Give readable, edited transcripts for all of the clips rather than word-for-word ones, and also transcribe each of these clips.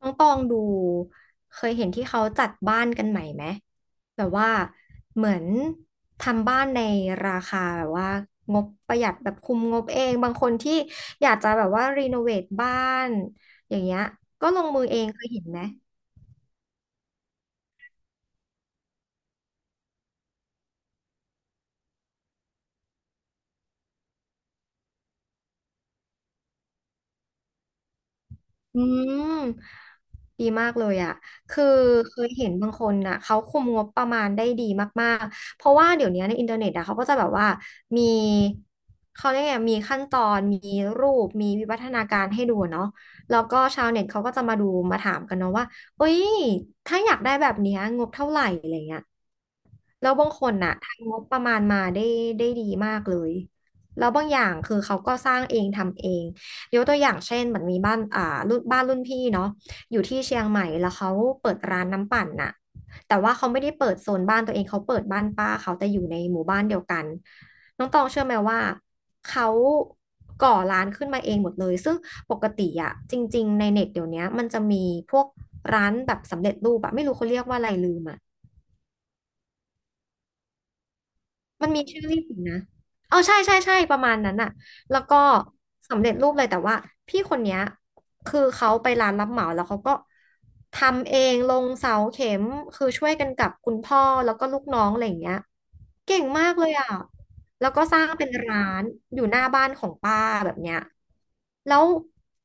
น้องตองดูเคยเห็นที่เขาจัดบ้านกันใหม่ไหมแบบว่าเหมือนทำบ้านในราคาแบบว่างบประหยัดแบบคุมงบเองบางคนที่อยากจะแบบว่ารีโนเวทบ้านอย่างเงี้ยก็ลงมือเองเคยเห็นไหม อืมดีมากเลยอ่ะคือเคยเห็นบางคนน่ะเขาคุมงบประมาณได้ดีมากๆเพราะว่าเดี๋ยวนี้ในอินเทอร์เน็ตอะเขาก็จะแบบว่ามีเขาเรียกไงมีขั้นตอนมีรูปมีวิวัฒนาการให้ดูเนาะแล้วก็ชาวเน็ตเขาก็จะมาดูมาถามกันเนาะว่าเอ้ยถ้าอยากได้แบบเนี้ยงบเท่าไหร่อะไรเงี้ยแล้วบางคนน่ะทำงบประมาณมาได้ได้ดีมากเลยแล้วบางอย่างคือเขาก็สร้างเองทำเอง ยกตัวอย่างเช่นเหมือนมีบ้านอ่ารุ่นบ้านรุ่นพี่เนาะอยู่ที่เชียงใหม่แล้วเขาเปิดร้านน้ำปั่นน่ะแต่ว่าเขาไม่ได้เปิดโซนบ้านตัวเองเขาเปิดบ้านป้าเขาแต่อยู่ในหมู่บ้านเดียวกันน้องตองเชื่อไหมว่าเขาก่อร้านขึ้นมาเองหมดเลยซึ่งปกติอะจริงๆในเน็ตเดี๋ยวนี้มันจะมีพวกร้านแบบสำเร็จรูปอะไม่รู้เขาเรียกว่าอะไรลืมอะ มันมีชื่อเรียกอิ่นนะเอาใช่ใช่ใช่ประมาณนั้นอะแล้วก็สำเร็จรูปเลยแต่ว่าพี่คนเนี้ยคือเขาไปร้านรับเหมาแล้วเขาก็ทำเองลงเสาเข็มคือช่วยกันกับคุณพ่อแล้วก็ลูกน้องอะไรอย่างเงี้ยเก่งมากเลยอ่ะแล้วก็สร้างเป็นร้านอยู่หน้าบ้านของป้าแบบเนี้ยแล้ว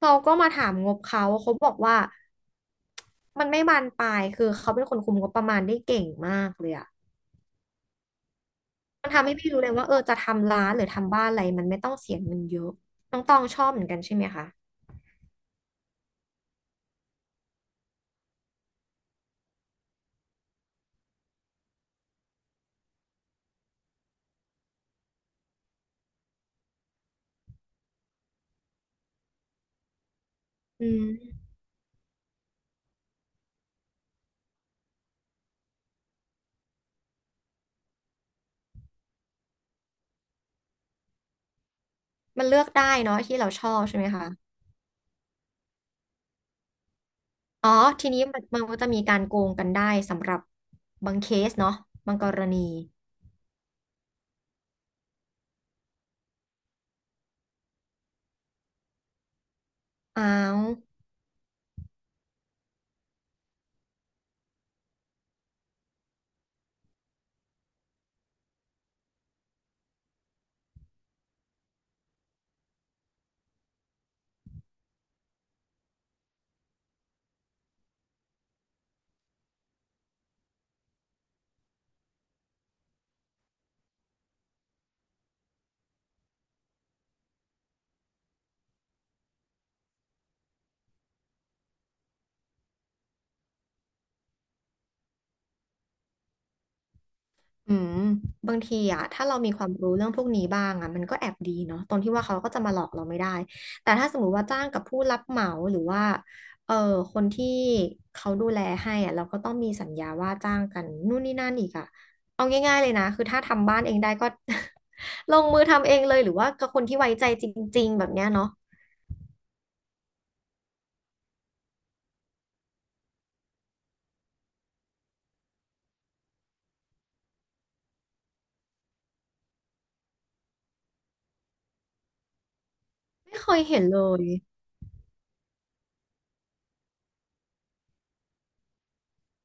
เราก็มาถามงบเขาเขาบอกว่ามันไม่บานปลายคือเขาเป็นคนคุมงบประมาณได้เก่งมากเลยอ่ะ มันทำให้พี่รู้เลยว่าเออจะทำร้านหรือทำบ้านอะไรมันไม่ต้องเสียเงินเยอะน้องตองชอบเหมือนกันใช่ไหมคะอืมมันเลือกได้เนาะที่เราชอบใช่ไหมคะอ๋อทีนี้มันก็จะมีการโกงกันได้สำหรับบางเคสเนาะบางกรณีอ้าว อืมบางทีอะถ้าเรามีความรู้เรื่องพวกนี้บ้างอะมันก็แอบดีเนาะตรงที่ว่าเขาก็จะมาหลอกเราไม่ได้แต่ถ้าสมมติว่าจ้างกับผู้รับเหมาหรือว่าเออคนที่เขาดูแลให้อะเราก็ต้องมีสัญญาว่าจ้างกันนู่นนี่นั่นอีกอะเอาง่ายๆเลยนะคือถ้าทำบ้านเองได้ก็ ลงมือทำเองเลยหรือว่ากับคนที่ไว้ใจจริงๆแบบเนี้ยเนาะไม่เคยเห็นเลย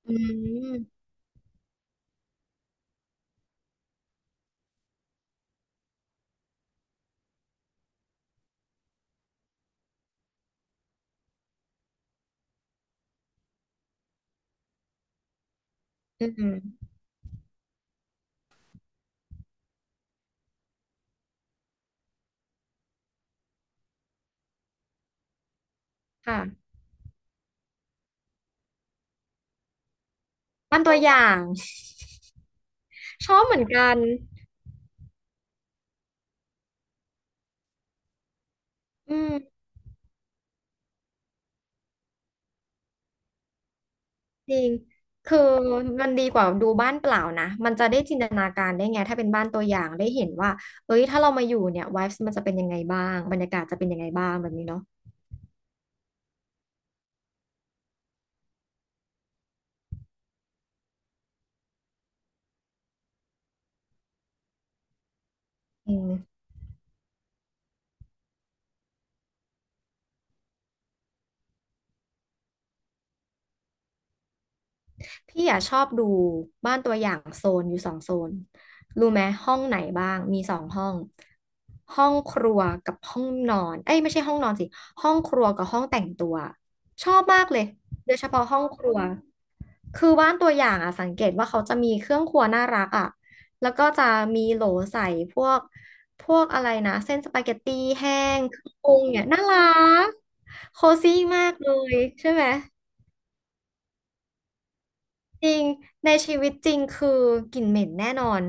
อืมอืมค่ะบ้านตัวอย่าง ชอบเหมือนกันอืม จริง คือมันดีกว่าดูบ้านเปล่านะ มันจะได้จินตนาการได้ไง ถ้าเป็นบ้านตัวอย่างได้เห็นว่าเอ้ย ถ้าเรามาอยู่เนี่ย vibes มันจะเป็นยังไงบ้าง บรรยากาศจะเป็นยังไงบ้างแบบนี้เนาะอืม พี่อ่ะชอบดูบ้านตัวอย่างโซนอยู่สองโซนรู้ไหมห้องไหนบ้างมีสองห้องห้องครัวกับห้องนอนเอ้ยไม่ใช่ห้องนอนสิห้องครัวกับห้องแต่งตัวชอบมากเลยโดยเฉพาะห้องครัวคือบ้านตัวอย่างอ่ะสังเกตว่าเขาจะมีเครื่องครัวน่ารักอ่ะแล้วก็จะมีโหลใส่พวกพวกอะไรนะเส้นสปาเกตตี้แห้งเครื่องปรุงเนี่ยน่ารักโคซี่มากเลยใช่ไหม จริงในชีวิตจริงคือกลิ่นเหม็นแน่นอน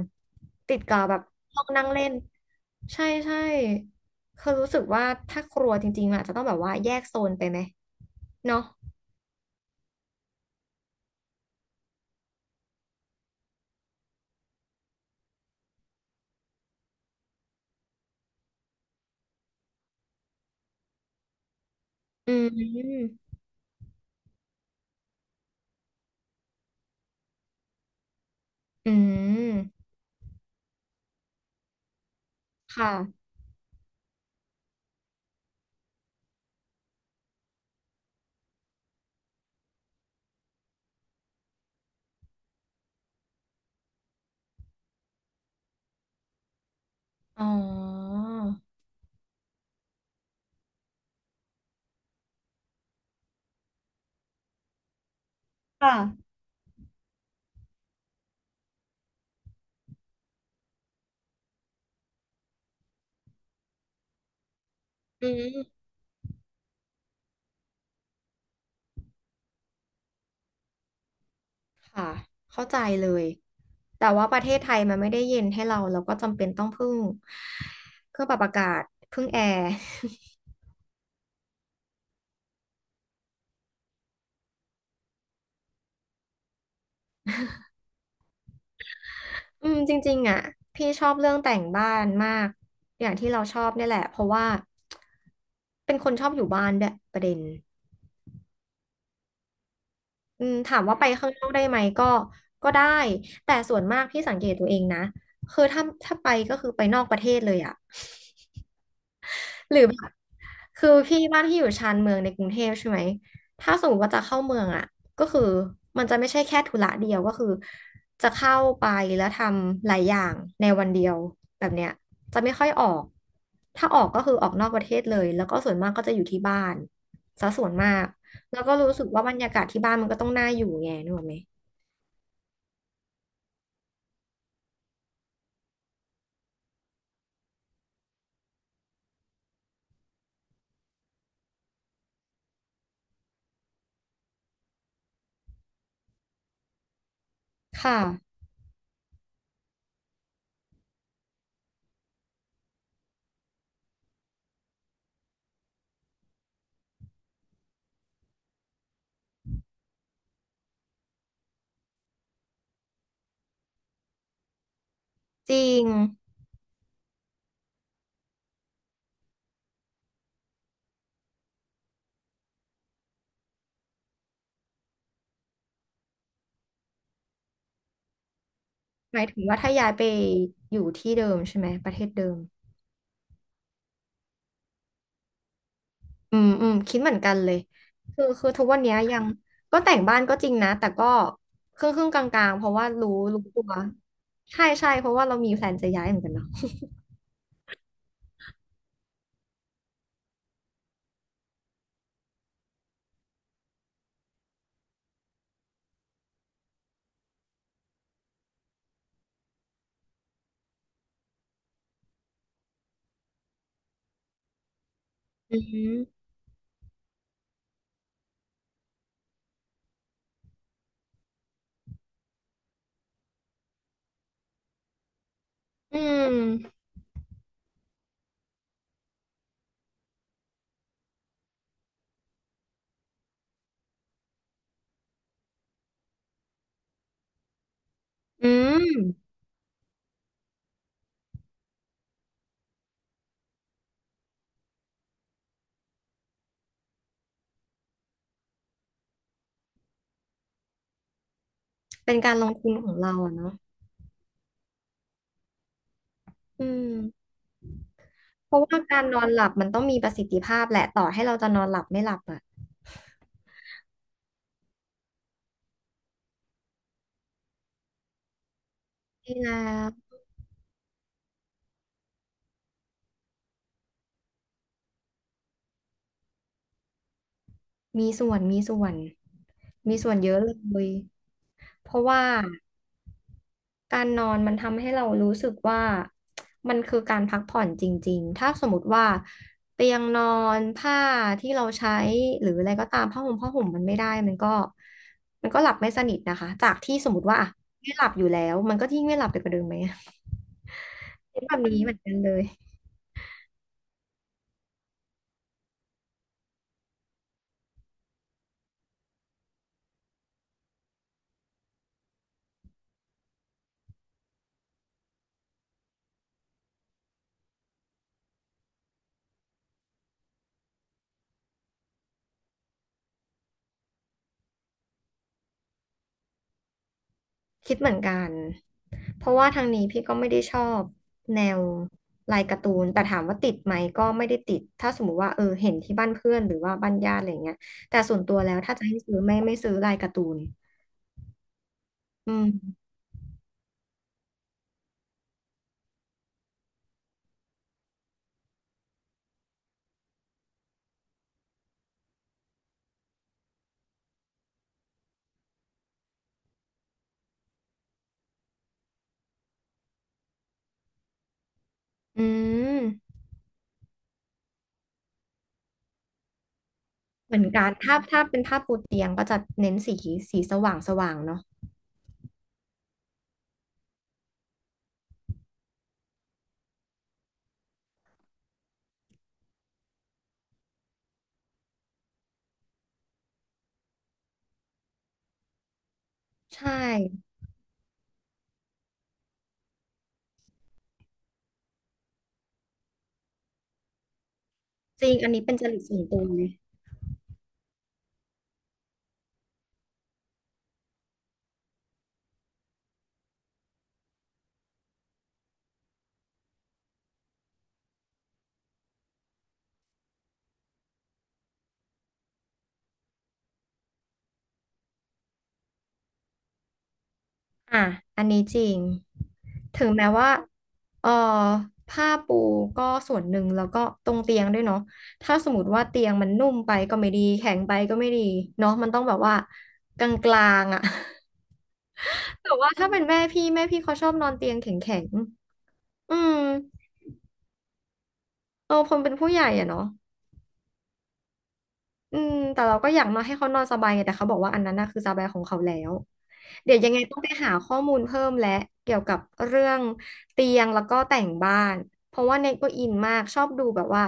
ติดกับแบบห้องนั่งเล่นใช่ใช่คือรู้สึกว่าถ้าครัวจริงๆอาจจะต้องแบบว่าแยกโซนไปไหมเนาะอืมอืมค่ะอ๋อค่ะอืมค่ะเข้าใจเลยแต่ว่าประเทศไทยมันไม่ได้เย็นให้เราเราก็จำเป็นต้องพึ่งเครื่องปรับอากาศพึ่งแอร์ อืมจริงๆอ่ะพี่ชอบเรื่องแต่งบ้านมากอย่างที่เราชอบเนี่ยแหละเพราะว่าเป็นคนชอบอยู่บ้านด้วยประเด็นอืมถามว่าไปข้างนอกได้ไหมก็ก็ได้แต่ส่วนมากพี่สังเกตตัวเองนะคือถ้าไปก็คือไปนอกประเทศเลยอ่ะหรือแบบ คือพี่บ้านที่อยู่ชานเมืองในกรุงเทพใช่ไหมถ้าสมมติว่าจะเข้าเมืองอ่ะก็คือมันจะไม่ใช่แค่ธุระเดียวก็คือจะเข้าไปแล้วทำหลายอย่างในวันเดียวแบบเนี้ยจะไม่ค่อยออกถ้าออกก็คือออกนอกประเทศเลยแล้วก็ส่วนมากก็จะอยู่ที่บ้านซะส่วนมากแล้วก็รู้สึกว่าบรรยากาศที่บ้านมันก็ต้องน่าอยู่ไงนึกออกไหมค่ะจริงหมายถึงว่าถ้าย้ายไปอยู่ที่เดิมใช่ไหมประเทศเดิม อืมอืมคิดเหมือนกันเลยคือทุกวันเนี้ยยังก็แต่งบ้านก็จริงนะแต่ก็ครึ่งครึ่งกลางๆเพราะว่ารู้ตัวใช่ใช่เพราะว่าเรามีแพลนจะย้ายเหมือนกันเนาะอืมอืมอืมเป็นการลงทุนของเราอะเนาะอืมเพราะว่าการนอนหลับมันต้องมีประสิทธิภาพแหละต่อให้เราจะนอนหลับไม่หลับอะนี่นะมีส่วนมีส่วนมีส่วนเยอะเลยเพราะว่า การนอนมันทำให้เรารู้สึกว่ามันคือการพักผ่อนจริงๆ ถ้าสมมติว่าเตียงนอนผ้าที่เราใช้หรืออะไรก็ตามผ้าห่มผ้าห่มมันไม่ได้มันก็หลับไม่สนิทนะคะจากที่สมมติว่าอ่ะไม่หลับอยู่แล้วมันก็ยิ่งไม่หลับไปกว่าเดิมไหมเป็นแบบนี้เหมือนกันเลย คิดเหมือนกัน เพราะว่าทางนี้พี่ก็ไม่ได้ชอบแนวลายการ์ตูนแต่ถามว่าติดไหมก็ไม่ได้ติด ถ้าสมมุติว่าเออเห็นที่บ้านเพื่อนหรือว่าบ้านญาติอะไรเงี้ยแต่ส่วนตัวแล้วถ้าจะให้ซื้อไม่ซื้อลายการ์ตูนอืมอืมเหมือนกันถ้าเป็นผ้าปูเตียงก็จะเน้นสีสว่างสว่างเนาะใช่ จริงอันนี้เป็นจริตส่วนตัวเลย อ่ะอันนี้จริง ถึงแม้ว่า เอ่อผ้าปูก็ส่วนหนึ่งแล้วก็ตรงเตียงด้วยเนาะถ้าสมมติว่าเตียงมันนุ่มไปก็ไม่ดีแข็งไปก็ไม่ดีเนาะมันต้องแบบว่ากลางๆอ่ะ แต่ว่าถ้าเป็นแม่พี่เขาชอบนอนเตียงแข็งๆ อืมเออคนเป็นผู้ใหญ่อะเนาะ อืมแต่เราก็อยากมาให้เขานอนสบายไงแต่เขาบอกว่าอันนั้นน่ะคือสบายของเขาแล้วเดี๋ยวยังไงต้องไปหาข้อมูลเพิ่มและเกี่ยวกับเรื่องเตียงแล้วก็แต่งบ้านเพราะว่าเน็ตก็อินมากชอบดูแบบว่า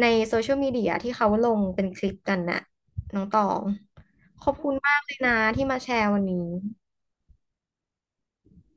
ในโซเชียลมีเดียที่เขาลงเป็นคลิปกันน่ะน้องตองขอบคุณมากเลยนะที่มาแชร์วันนี้